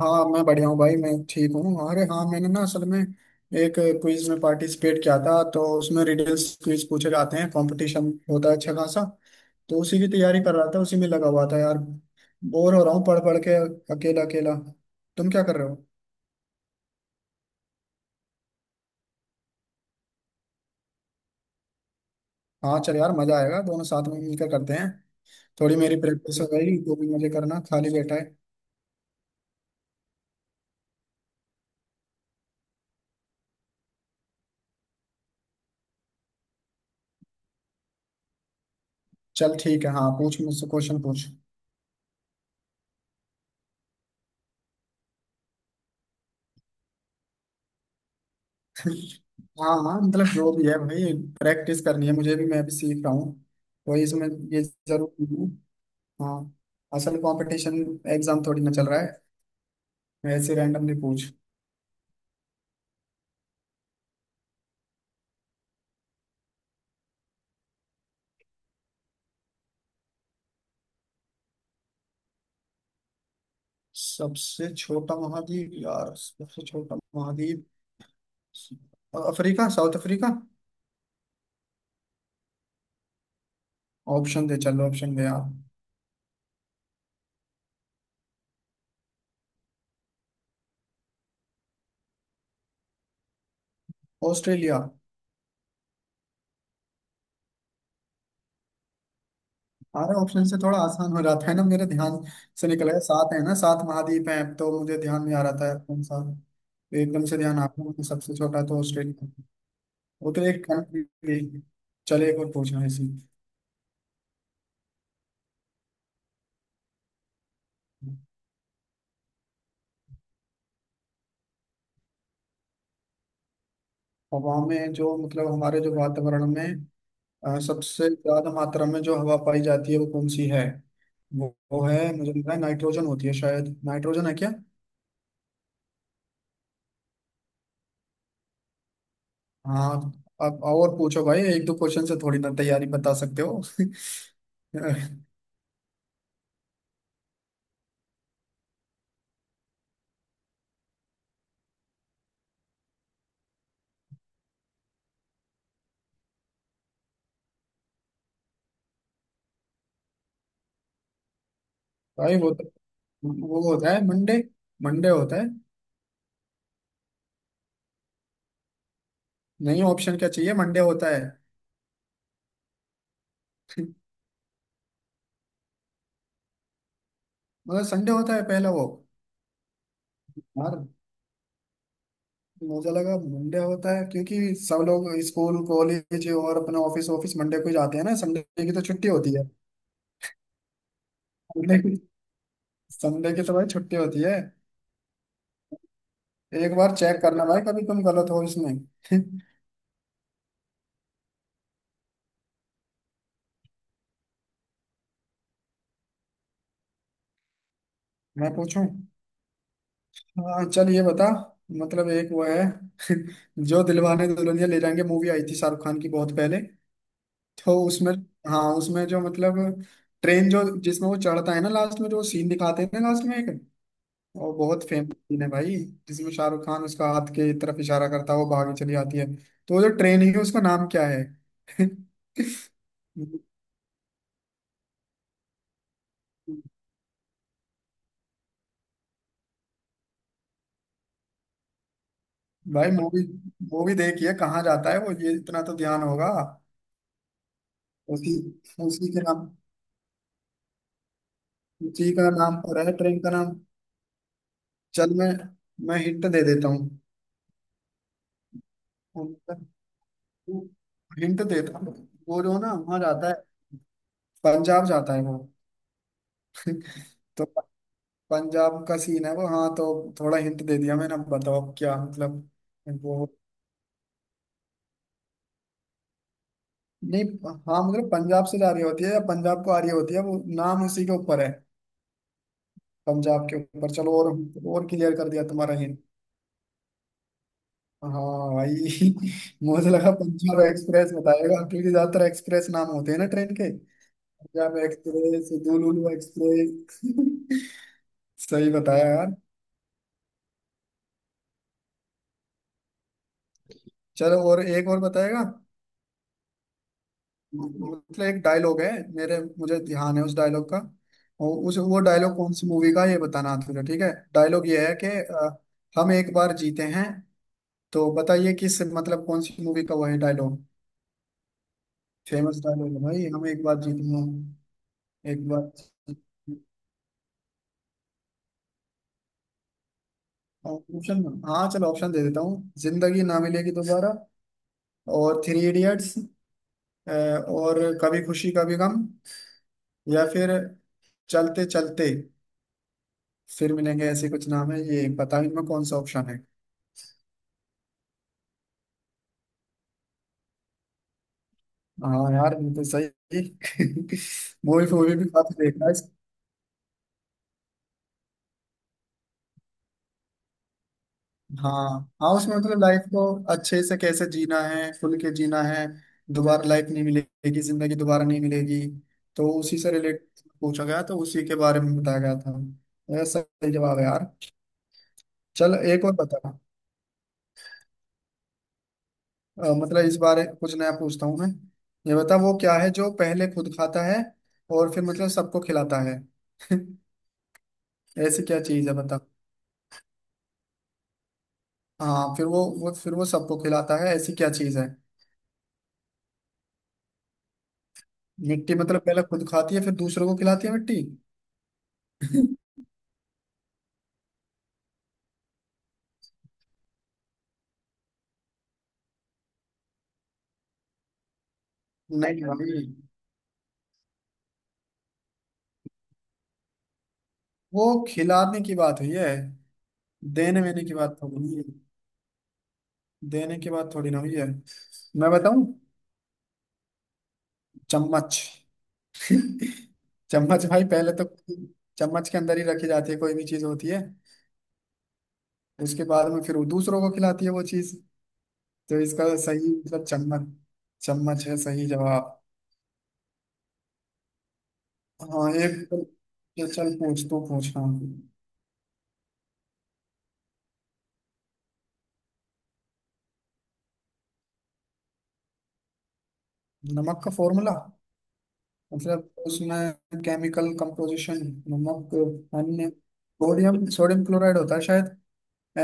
हाँ, मैं बढ़िया हूँ भाई। मैं ठीक हूँ। अरे हाँ, मैंने ना असल में एक क्विज में पार्टिसिपेट किया था। तो उसमें रिडल्स क्विज पूछे जाते हैं, कंपटीशन होता है अच्छा खासा। तो उसी की तैयारी कर रहा था, उसी में लगा हुआ था यार। बोर हो रहा हूँ पढ़ पढ़ के, अकेला अकेला। तुम क्या कर रहे हो? हाँ चल यार, मजा आएगा, दोनों साथ में मिलकर करते हैं। थोड़ी मेरी प्रैक्टिस हो गई, जो भी मुझे करना, खाली बैठा है। चल ठीक है, हाँ पूछ, मुझसे क्वेश्चन पूछ। हाँ हाँ, मतलब जो भी है भाई, प्रैक्टिस करनी है मुझे भी, मैं भी सीख रहा हूँ वही इसमें। ये जरूर हूँ। हाँ। असल कंपटीशन एग्जाम थोड़ी ना चल रहा है, ऐसे रैंडमली पूछ। सबसे छोटा महाद्वीप, यार सबसे छोटा महाद्वीप। Africa, South Africa. ऑप्शन दे, चलो ऑप्शन दे यार। ऑस्ट्रेलिया। सारे ऑप्शन से थोड़ा आसान हो जाता है ना, मेरे ध्यान से निकल गया। सात है ना, सात महाद्वीप हैं, तो मुझे ध्यान में आ रहा था कौन सा। एकदम से ध्यान आता है, सबसे छोटा तो ऑस्ट्रेलिया। वो तो एक कंट्री थी। चलिए एक और पूछना इसी। हवा में जो मतलब हमारे जो वातावरण में, सबसे ज्यादा मात्रा में जो हवा पाई जाती है वो कौन सी है। वो है, मुझे लग रहा है नाइट्रोजन होती है, शायद नाइट्रोजन है क्या? हाँ। अब और पूछो भाई, एक दो क्वेश्चन से थोड़ी ना तैयारी बता सकते हो भाई वो तो, वो होता है मंडे। मंडे होता है। नहीं, ऑप्शन क्या चाहिए, मंडे होता है। मतलब संडे होता है पहला वो। यार मुझे लगा मंडे होता है, क्योंकि सब लोग स्कूल कॉलेज और अपना ऑफिस ऑफिस मंडे को ही जाते हैं ना, संडे की तो छुट्टी होती है। संडे की संडे की तो भाई छुट्टी होती है। एक बार चेक करना भाई, कभी तुम गलत हो इसमें। मैं पूछूं? हाँ चल, ये बता। मतलब एक वो है जो दिलवाने दुल्हनिया ले जाएंगे मूवी आई थी शाहरुख खान की बहुत पहले। तो उसमें, हाँ उसमें जो मतलब, ट्रेन जो जिसमें वो चढ़ता है ना लास्ट में, जो सीन दिखाते हैं ना लास्ट में, एक और बहुत फेमस सीन है भाई, जिसमें शाहरुख खान उसका हाथ के तरफ इशारा करता है, वो भागी चली आती है। तो वो जो ट्रेन ही है उसका नाम क्या है? भाई मूवी मूवी देखिए कहाँ जाता है वो, ये इतना तो ध्यान होगा। उसी उसी के नाम, उसी का नाम पर है ट्रेन का नाम। चल मैं हिंट दे देता हूँ। हिंट देता हूँ, वो जो ना वहाँ जाता है, पंजाब जाता है वो। तो पंजाब का सीन है वो, हाँ। तो थोड़ा हिंट दे दिया मैंने, अब बताओ अब क्या मतलब। वो, नहीं, हाँ मतलब पंजाब से जा रही होती है या पंजाब को आ रही होती है, वो नाम उसी के ऊपर है, पंजाब के ऊपर चलो। और क्लियर कर दिया तुम्हारा हिंट। हाँ भाई। मुझे लगा पंजाब एक्सप्रेस बताएगा, क्योंकि ज्यादातर एक्सप्रेस नाम होते हैं ना ट्रेन के। पंजाब एक्सप्रेस दुलुलु एक्सप्रेस। सही बताया यार। चलो और एक और बताएगा। मतलब एक डायलॉग है, मेरे मुझे ध्यान है उस डायलॉग का। और उस वो डायलॉग कौन सी मूवी का है, ये बताना है तुझे, ठीक है? डायलॉग ये है कि हम एक बार जीते हैं। तो बताइए किस, मतलब कौन सी मूवी का वो है डायलॉग। फेमस डायलॉग है भाई, हम एक बार जीते हैं, एक बार। ऑप्शन, हाँ चलो ऑप्शन दे देता हूँ। जिंदगी ना मिलेगी दोबारा, और थ्री इडियट्स, और कभी खुशी कभी गम, या फिर चलते चलते, फिर मिलेंगे, ऐसे कुछ नाम है। ये पता भी इनमें कौन सा ऑप्शन है। हाँ यार, बिल्कुल सही। मूवी मूवी भी काफी देखा है। हाँ हाँ, उसमें मतलब लाइफ को अच्छे से कैसे जीना है, खुल के जीना है, दोबारा लाइफ नहीं मिलेगी, जिंदगी दोबारा नहीं मिलेगी, तो उसी से रिलेट पूछा गया, तो उसी के बारे में बताया गया था। यार सही जवाब है यार। चल एक और बता। मतलब इस बारे कुछ नया पूछता हूँ मैं। ये बता वो क्या है जो पहले खुद खाता है और फिर मतलब सबको खिलाता है। ऐसी क्या चीज है बता। हाँ फिर वो फिर वो सबको खिलाता है, ऐसी क्या चीज है। मिट्टी? मतलब पहले खुद खाती है फिर दूसरों को खिलाती है मिट्टी? नहीं भाई, वो खिलाने की बात हुई है, देने वेने की बात थोड़ी हुई है। देने की बात थोड़ी ना हुई है। मैं बताऊं? चम्मच। चम्मच भाई, पहले तो चम्मच के अंदर ही रखी जाती है, कोई भी चीज होती है। उसके बाद में फिर वो दूसरों को खिलाती है वो चीज। तो इसका सही मतलब चम्मच। चम्मच है सही जवाब। हाँ एक तो, ये चल पूछ, तू पूछ, हाँ। नमक का फॉर्मूला? मतलब उसमें केमिकल कंपोजिशन। नमक। अन्य, सोडियम सोडियम क्लोराइड होता है शायद।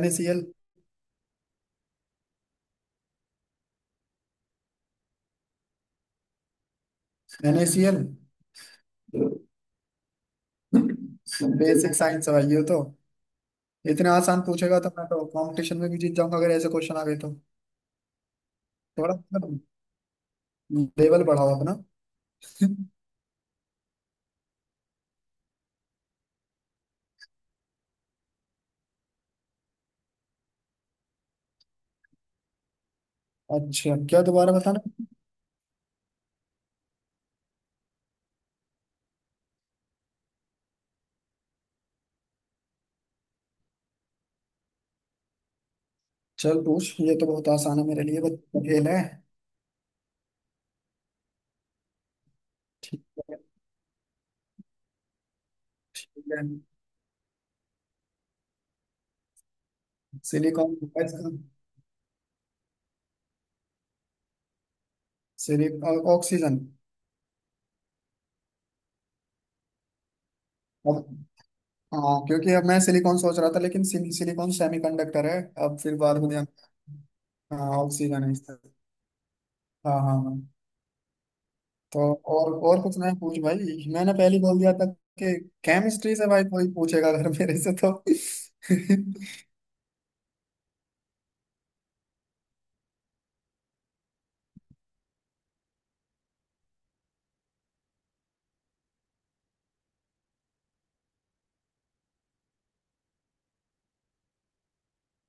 NaCl। NaCl। बेसिक साइंस है भाई ये तो। इतने आसान पूछेगा तो मैं तो कंपटीशन में भी जीत जाऊंगा, अगर ऐसे क्वेश्चन आ गए तो। थोड़ा मतलब लेवल बढ़ाओ अपना। अच्छा क्या, दोबारा बताना। चल पूछ, ये तो बहुत आसान है मेरे लिए, बस खेल है। ठीक है। ठीक है। सिलिकॉन। सिलिक ऑक्सीजन। अब, हाँ क्योंकि अब मैं सिलिकॉन सोच रहा था, लेकिन सिलिकॉन सेमीकंडक्टर है। अब फिर बाद में ध्यान, हाँ ऑक्सीजन है इसका। हाँ हाँ हाँ। तो और कुछ नहीं पूछ भाई, मैंने पहले ही बोल दिया था कि केमिस्ट्री से भाई कोई पूछेगा अगर मेरे से तो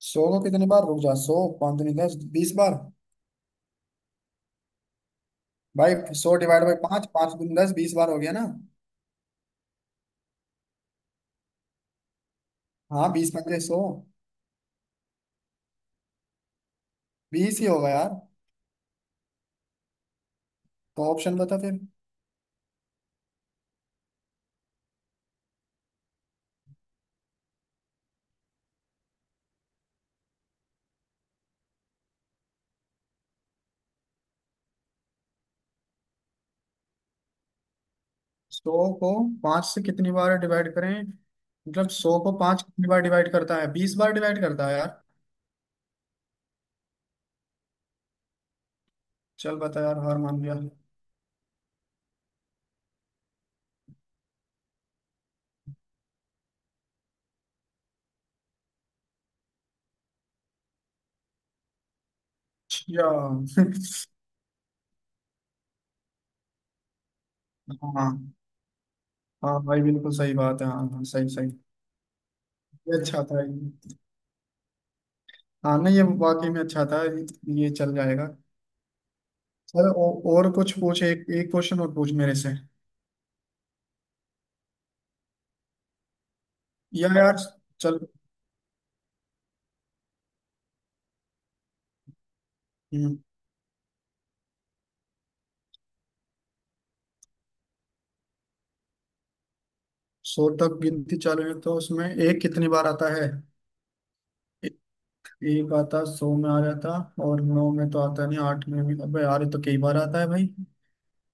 सौ को कितने बार, रुक जा। 100, पाँच दूनी दस, 20 बार भाई। 100 डिवाइड बाई पाँच, पाँच दूनी दस, बीस बार हो गया ना। हाँ 20 पंजे 100, 20 ही होगा यार। तो ऑप्शन बता फिर। 100 को पांच से कितनी बार डिवाइड करें, मतलब 100 को पांच कितनी बार डिवाइड करता है, 20 बार डिवाइड करता है यार। चल बता यार, हार मान गया। अच्छा। हाँ। हाँ भाई बिल्कुल सही बात है, हाँ हाँ सही सही। ये अच्छा था ये। हाँ नहीं ये वाकई में अच्छा था ये। ये चल जाएगा। चल और कुछ पूछ, एक एक क्वेश्चन और पूछ मेरे से। या यार। चल। हम्म। 100 तक गिनती चालू है तो उसमें एक कितनी बार आता है? एक आता, 100 में आ जाता, और नौ में तो आता नहीं, आठ में भी, अबे यार ये तो कई बार आता है भाई।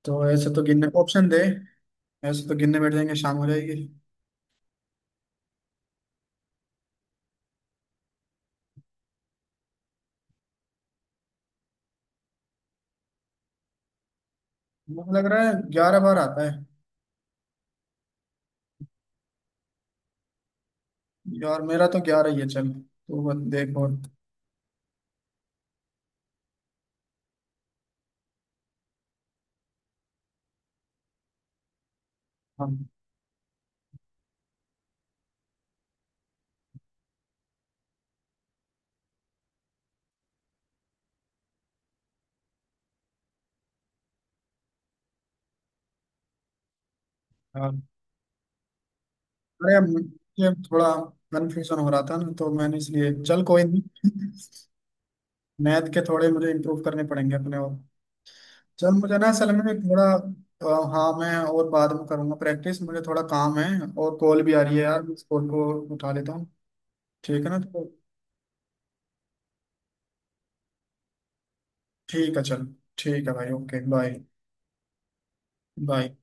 तो ऐसे तो गिनने, ऑप्शन दे। ऐसे तो गिनने बैठ जाएंगे, शाम हो जाएगी। मुझे लग रहा है 11 बार आता है। यार मेरा तो 11 ही है, चल तो बस, देख और। हाँ। हाँ। अरे मुझे थोड़ा कन्फ्यूजन हो रहा था ना, तो मैंने इसलिए, चल कोई नहीं। मैथ के थोड़े मुझे इम्प्रूव करने पड़ेंगे अपने और। चल मुझे ना असल में थोड़ा, अ, हाँ, मैं और बाद में करूँगा प्रैक्टिस, मुझे थोड़ा काम है और कॉल भी आ रही है यार, मैं इस कॉल को उठा लेता हूँ। ठीक है ना तो, ठीक है चल, ठीक है भाई, ओके बाय। बाय।